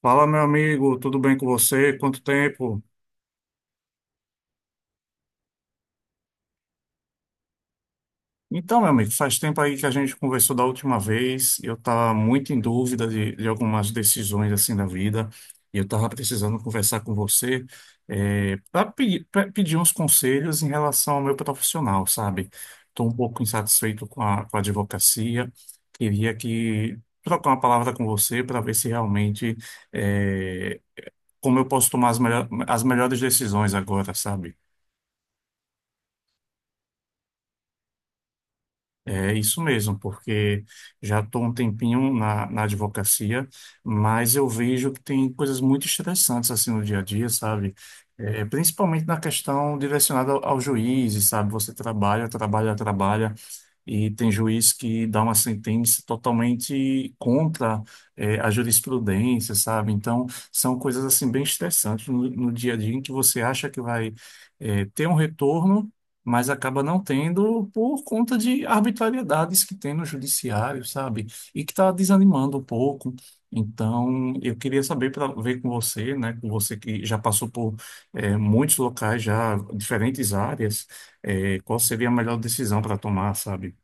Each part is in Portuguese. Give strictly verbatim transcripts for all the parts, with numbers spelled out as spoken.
Fala, meu amigo, tudo bem com você? Quanto tempo? Então, meu amigo, faz tempo aí que a gente conversou da última vez. Eu estava muito em dúvida de, de algumas decisões assim da vida e eu estava precisando conversar com você para pedir uns conselhos em relação ao meu profissional, sabe? Estou um pouco insatisfeito com a, com a advocacia. Queria que trocar uma palavra com você para ver se realmente eh, como eu posso tomar as melho- as melhores decisões agora, sabe? É isso mesmo, porque já estou um tempinho na, na advocacia, mas eu vejo que tem coisas muito estressantes assim no dia a dia, sabe? É, principalmente na questão direcionada ao, ao juiz, sabe? Você trabalha, trabalha, trabalha, e tem juiz que dá uma sentença totalmente contra, é, a jurisprudência, sabe? Então, são coisas assim bem estressantes no, no dia a dia em que você acha que vai, é, ter um retorno, mas acaba não tendo por conta de arbitrariedades que tem no judiciário, sabe? E que está desanimando um pouco. Então, eu queria saber para ver com você, né? Com você que já passou por eh, muitos locais, já diferentes áreas, eh, qual seria a melhor decisão para tomar, sabe?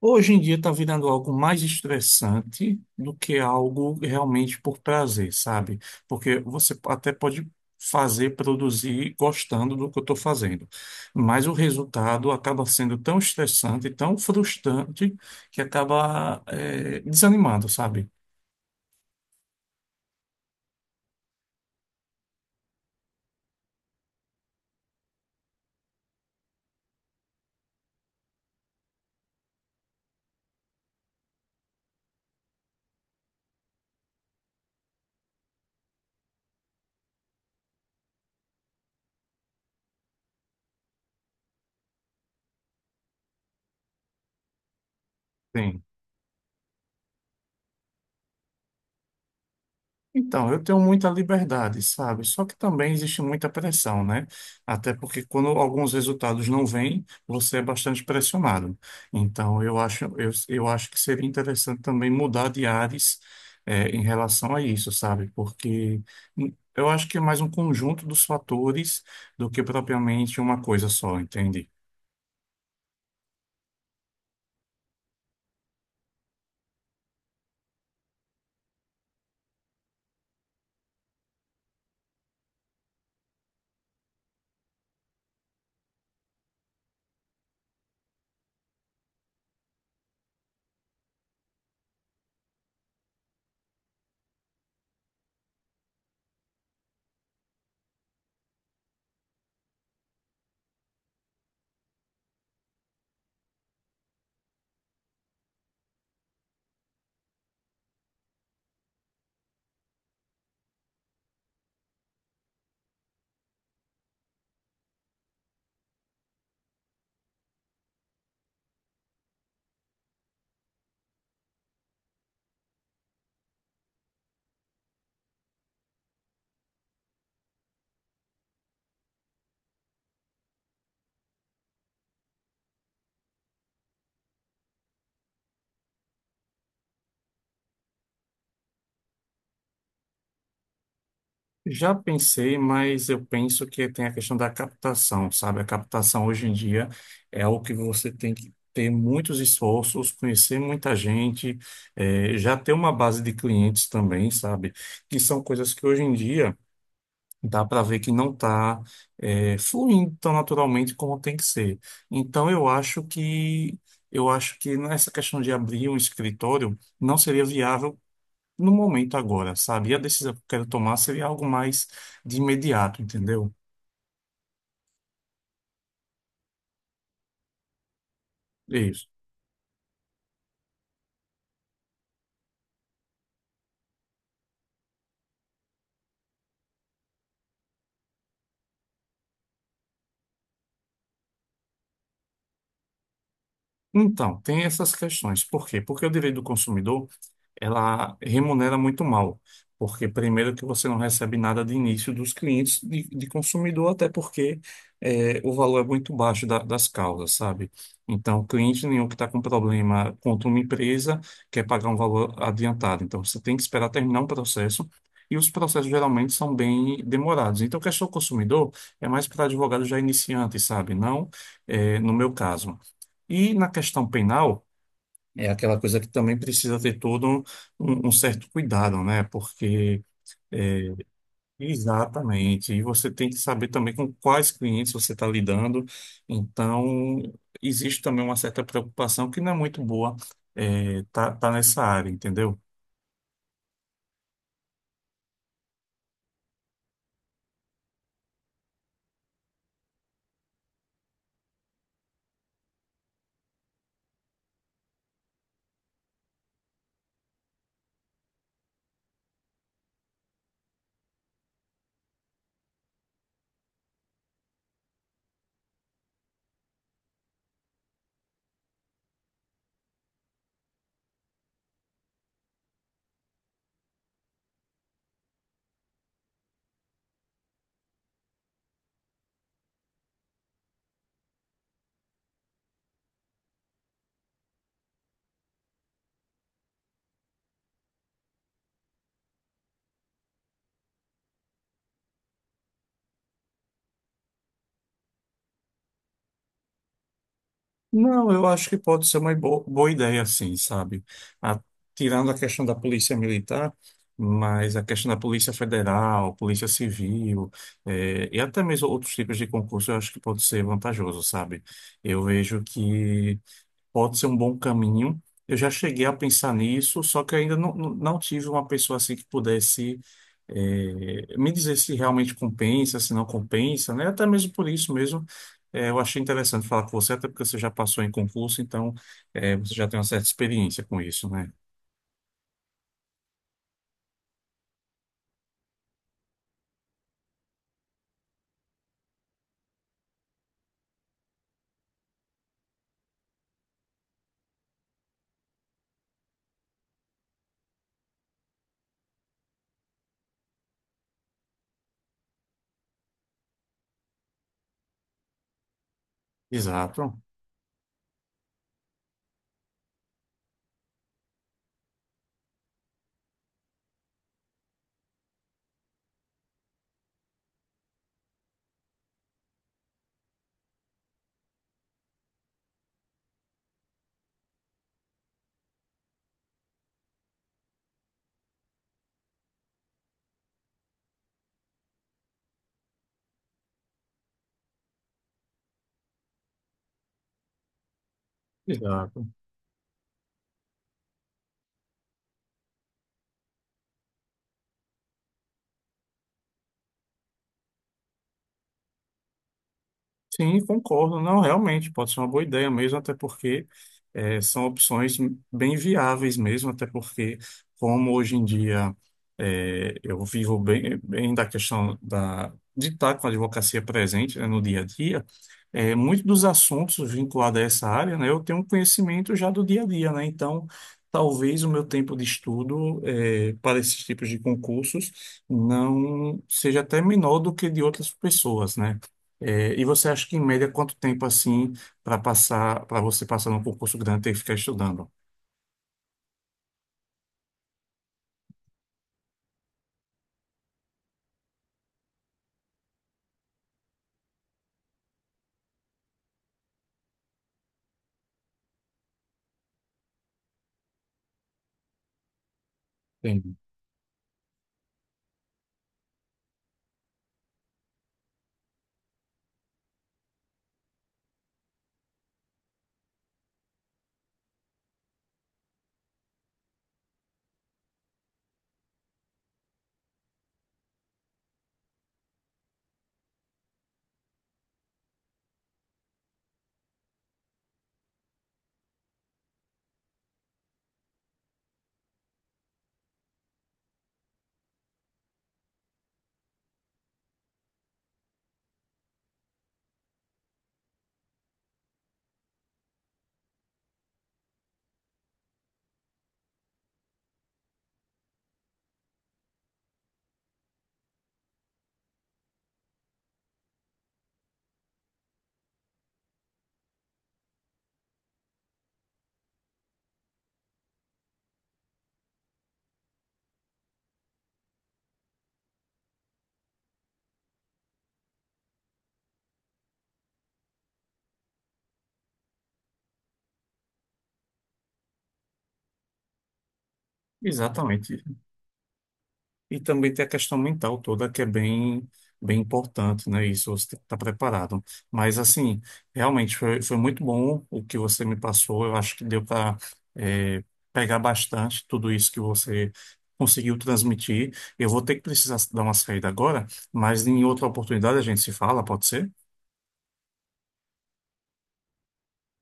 Hoje em dia está virando algo mais estressante do que algo realmente por prazer, sabe? Porque você até pode fazer, produzir gostando do que eu estou fazendo, mas o resultado acaba sendo tão estressante, tão frustrante, que acaba eh, desanimando, sabe? Sim. Então, eu tenho muita liberdade, sabe? Só que também existe muita pressão, né? Até porque quando alguns resultados não vêm, você é bastante pressionado. Então, eu acho, eu, eu acho que seria interessante também mudar de áreas eh, em relação a isso, sabe? Porque hum, eu acho que é mais um conjunto dos fatores do que propriamente uma coisa só, entende? Já pensei, mas eu penso que tem a questão da captação, sabe? A captação hoje em dia é algo que você tem que ter muitos esforços, conhecer muita gente, eh, já ter uma base de clientes também, sabe? Que são coisas que hoje em dia dá para ver que não está fluindo tão naturalmente como tem que ser. Então eu acho que eu acho que nessa questão de abrir um escritório não seria viável no momento agora, sabe? E a decisão que eu quero tomar seria algo mais de imediato, entendeu? É isso. Então, tem essas questões. Por quê? Porque o direito do consumidor ela remunera muito mal, porque primeiro que você não recebe nada de início dos clientes de, de consumidor, até porque eh, o valor é muito baixo da- das causas, sabe? Então, cliente nenhum que está com problema contra uma empresa quer pagar um valor adiantado. Então, você tem que esperar terminar um processo. E os processos geralmente são bem demorados. Então, a questão do consumidor é mais para advogado já iniciante, sabe? Não, eh, no meu caso. E na questão penal, é aquela coisa que também precisa ter todo um, um um certo cuidado, né? Porque é, exatamente, e você tem que saber também com quais clientes você está lidando. Então, existe também uma certa preocupação que não é muito boa, é, tá, tá nessa área, entendeu? Não, eu acho que pode ser uma bo- boa ideia, sim, sabe? A- tirando a questão da polícia militar, mas a questão da polícia federal, polícia civil, eh, e até mesmo outros tipos de concurso, eu acho que pode ser vantajoso, sabe? Eu vejo que pode ser um bom caminho. Eu já cheguei a pensar nisso, só que ainda não, não não tive uma pessoa assim que pudesse eh, me dizer se realmente compensa, se não compensa, né? Até mesmo por isso mesmo, eh, eu achei interessante falar com você, até porque você já passou em concurso, então eh, você já tem uma certa experiência com isso, né? Exato, exato. Sim, concordo. Não, realmente, pode ser uma boa ideia mesmo, até porque eh, são opções bem viáveis mesmo, até porque, como hoje em dia eh, eu vivo bem, bem da questão da, de estar com a advocacia presente, né, no dia a dia, eh, muitos dos assuntos vinculados a essa área, né, eu tenho um conhecimento já do dia a dia, né? Então, talvez o meu tempo de estudo, eh, para esses tipos de concursos não seja até menor do que de outras pessoas, né? É, e você acha que, em média, quanto tempo assim para passar, para você passar num concurso grande ter que ficar estudando? Entendi. Exatamente. E também tem a questão mental toda que é bem, bem importante, né? Isso você tem que estar preparado. Mas, assim, realmente foi, foi muito bom o que você me passou. Eu acho que deu para pegar bastante tudo isso que você conseguiu transmitir. Eu vou ter que precisar dar uma saída agora, mas em outra oportunidade a gente se fala, pode ser?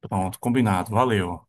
Pronto, combinado. Valeu.